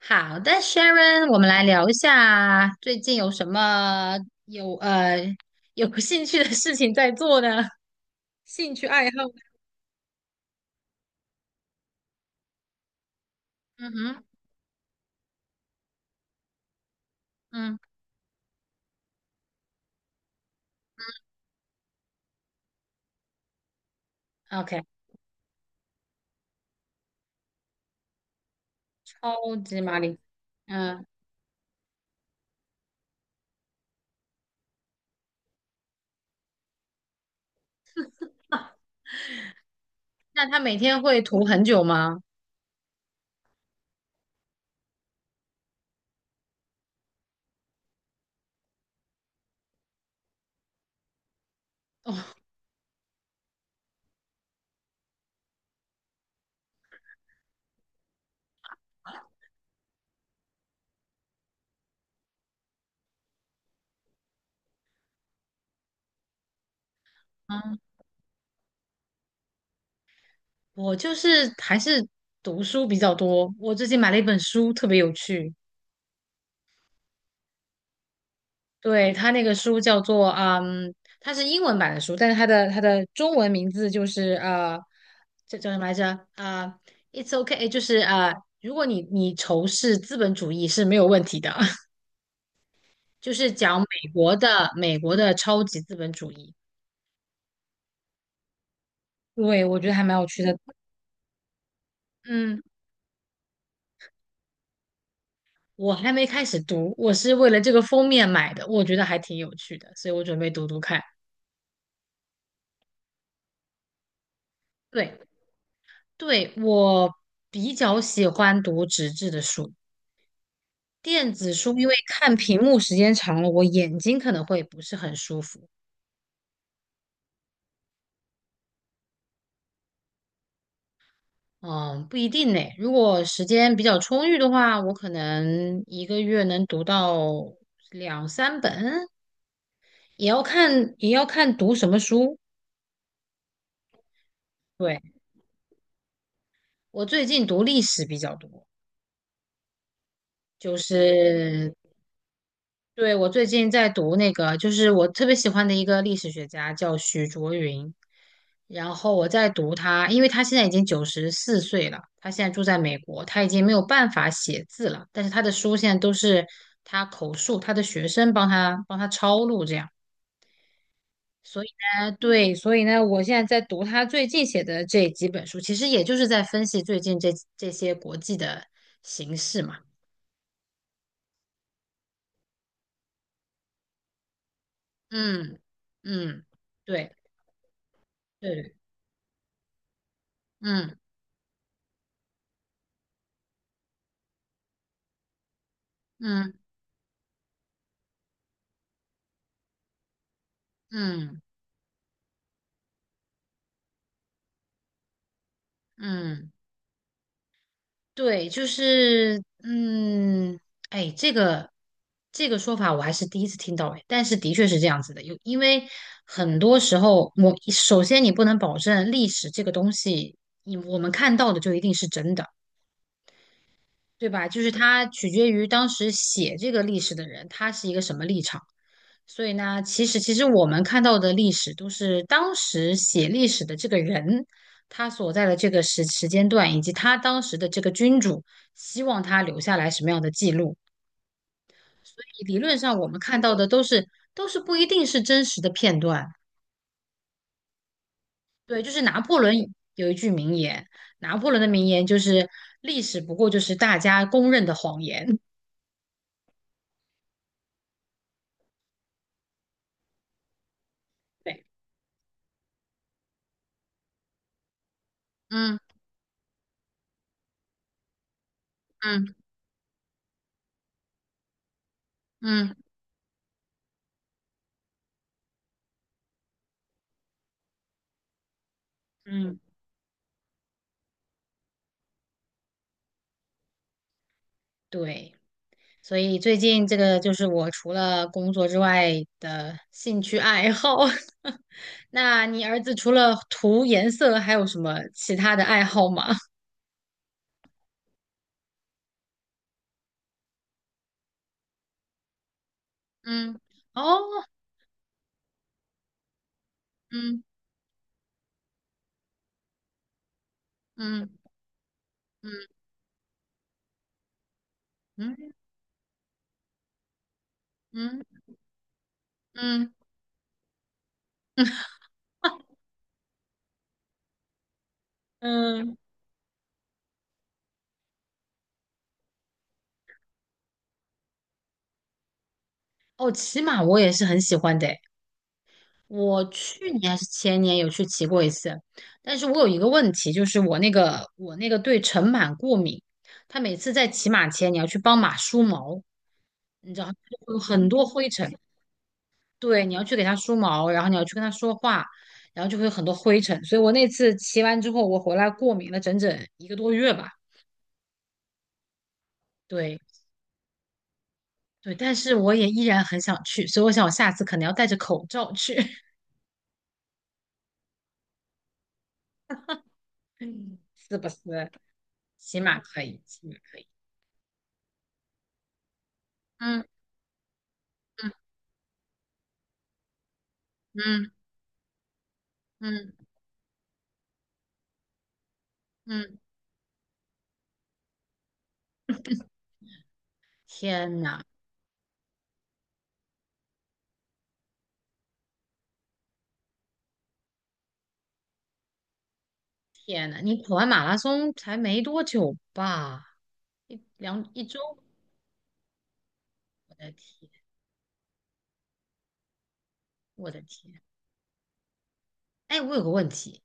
好的，Sharon，我们来聊一下最近有什么有呃有兴趣的事情在做呢？兴趣爱好？嗯哼，嗯，OK，超级玛丽，嗯，啊那他每天会涂很久吗？哦，嗯，我就是还是读书比较多。我最近买了一本书，特别有趣，对，他那个书叫做它是英文版的书，但是它的中文名字就是这叫什么来着？啊、It's OK 就是如果你仇视资本主义是没有问题的，就是讲美国的超级资本主义。对，我觉得还蛮有趣的。嗯，我还没开始读，我是为了这个封面买的，我觉得还挺有趣的，所以我准备读读看。对，对，我比较喜欢读纸质的书。电子书因为看屏幕时间长了，我眼睛可能会不是很舒服。嗯，不一定呢。如果时间比较充裕的话，我可能一个月能读到两三本，也要看读什么书。对，我最近读历史比较多，就是对，我最近在读那个，就是我特别喜欢的一个历史学家，叫许卓云。然后我在读他，因为他现在已经94岁了，他现在住在美国，他已经没有办法写字了，但是他的书现在都是他口述，他的学生帮他抄录这样。所以呢，对，所以呢，我现在在读他最近写的这几本书，其实也就是在分析最近这些国际的形势嘛。嗯嗯，对对，嗯嗯。嗯嗯，对，就是哎，这个说法我还是第一次听到哎，但是的确是这样子的，因为很多时候首先你不能保证历史这个东西，你我们看到的就一定是真的，对吧？就是它取决于当时写这个历史的人，他是一个什么立场。所以呢，其实我们看到的历史都是当时写历史的这个人，他所在的这个时间段，以及他当时的这个君主希望他留下来什么样的记录。理论上，我们看到的都是都是不一定是真实的片段。对，就是拿破仑有一句名言，拿破仑的名言就是“历史不过就是大家公认的谎言”对。嗯嗯嗯嗯，对。所以最近这个就是我除了工作之外的兴趣爱好。那你儿子除了涂颜色，还有什么其他的爱好吗？嗯，哦，嗯嗯嗯嗯嗯嗯，嗯，哦，骑马我也是很喜欢的。我去年还是前年有去骑过一次，但是我有一个问题，就是我那个对尘螨过敏，它每次在骑马前你要去帮马梳毛，你知道就会有很多灰尘，对，你要去给它梳毛，然后你要去跟它说话，然后就会有很多灰尘，所以我那次骑完之后，我回来过敏了整整一个多月吧，对对，但是我也依然很想去，所以我想我下次可能要戴着口罩去，是不是？骑马可以，骑马可以，嗯嗯。嗯嗯，天呐天呐，你跑完马拉松才没多久吧？一周，我的天，我的天！哎，我有个问题，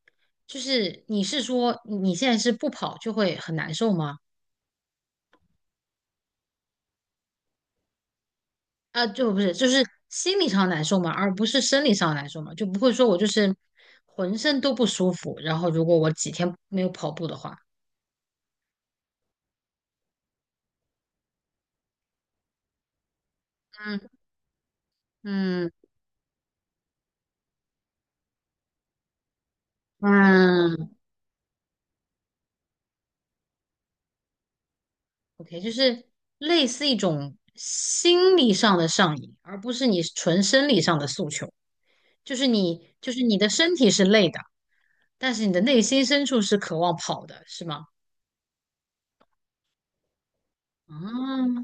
就是你是说你现在是不跑就会很难受吗？啊，就不是，就是心理上难受吗？而不是生理上难受吗？就不会说我就是浑身都不舒服，然后如果我几天没有跑步的话，嗯嗯嗯 OK，就是类似一种心理上的上瘾，而不是你纯生理上的诉求。就是你，就是你的身体是累的，但是你的内心深处是渴望跑的，是吗？啊，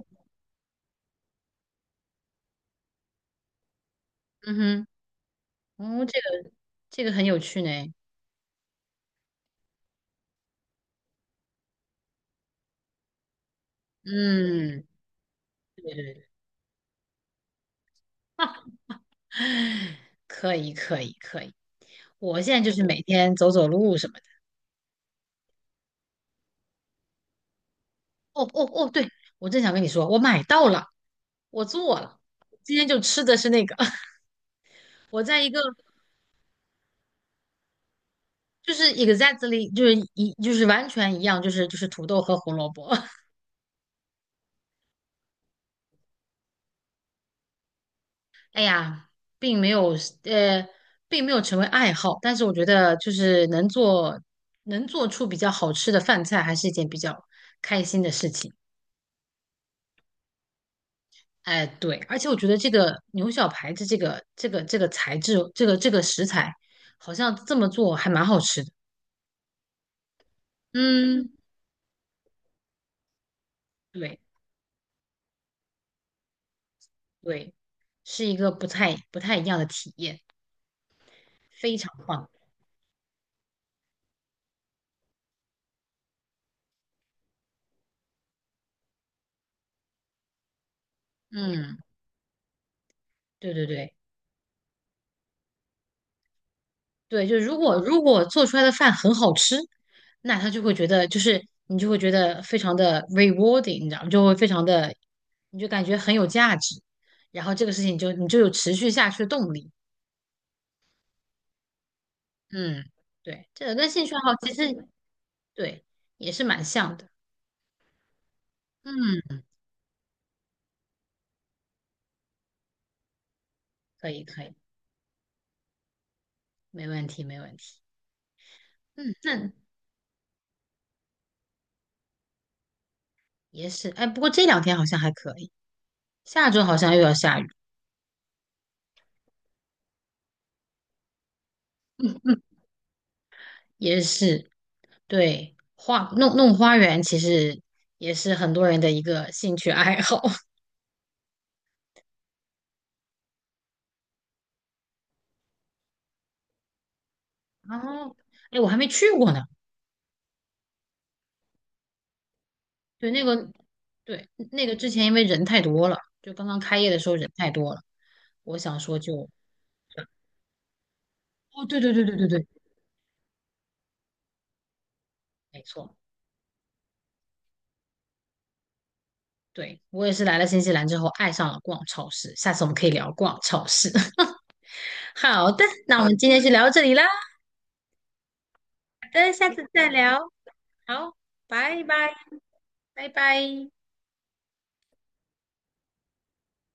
嗯哼，哦，这个这个很有趣呢。嗯，对对对，可以可以可以。我现在就是每天走走路什么的。哦哦哦，对，我正想跟你说，我买到了，我做了，今天就吃的是那个。我在一个就是 exactly 就是一就是完全一样，就是土豆和胡萝卜。哎呀，并没有呃，并没有成为爱好，但是我觉得就是能做出比较好吃的饭菜，还是一件比较开心的事情。哎，对，而且我觉得这个牛小排的这个材质，这个食材，好像这么做还蛮好吃的。嗯，对对，是一个不太一样的体验，非常棒。嗯，对对对。对，就如果做出来的饭很好吃，那他就会觉得，就是你就会觉得非常的 rewarding，你知道吗？就会非常的，你就感觉很有价值，然后这个事情就你就有持续下去的动力。嗯，对，这个跟兴趣爱好其实对也是蛮像的。嗯，可以可以，没问题没问题。嗯，那也是，哎，不过这两天好像还可以，下周好像又要下雨，也是。对，花弄弄花园其实也是很多人的一个兴趣爱好。哦，后，哎，我还没去过呢。对，那个，对，那个之前因为人太多了，就刚刚开业的时候人太多了，我想说就，哦，对对对对对对，没错，对，我也是来了新西兰之后爱上了逛超市。下次我们可以聊逛超市。好的，那我们今天就聊到这里啦。好的，下次再聊。好，拜拜，拜拜。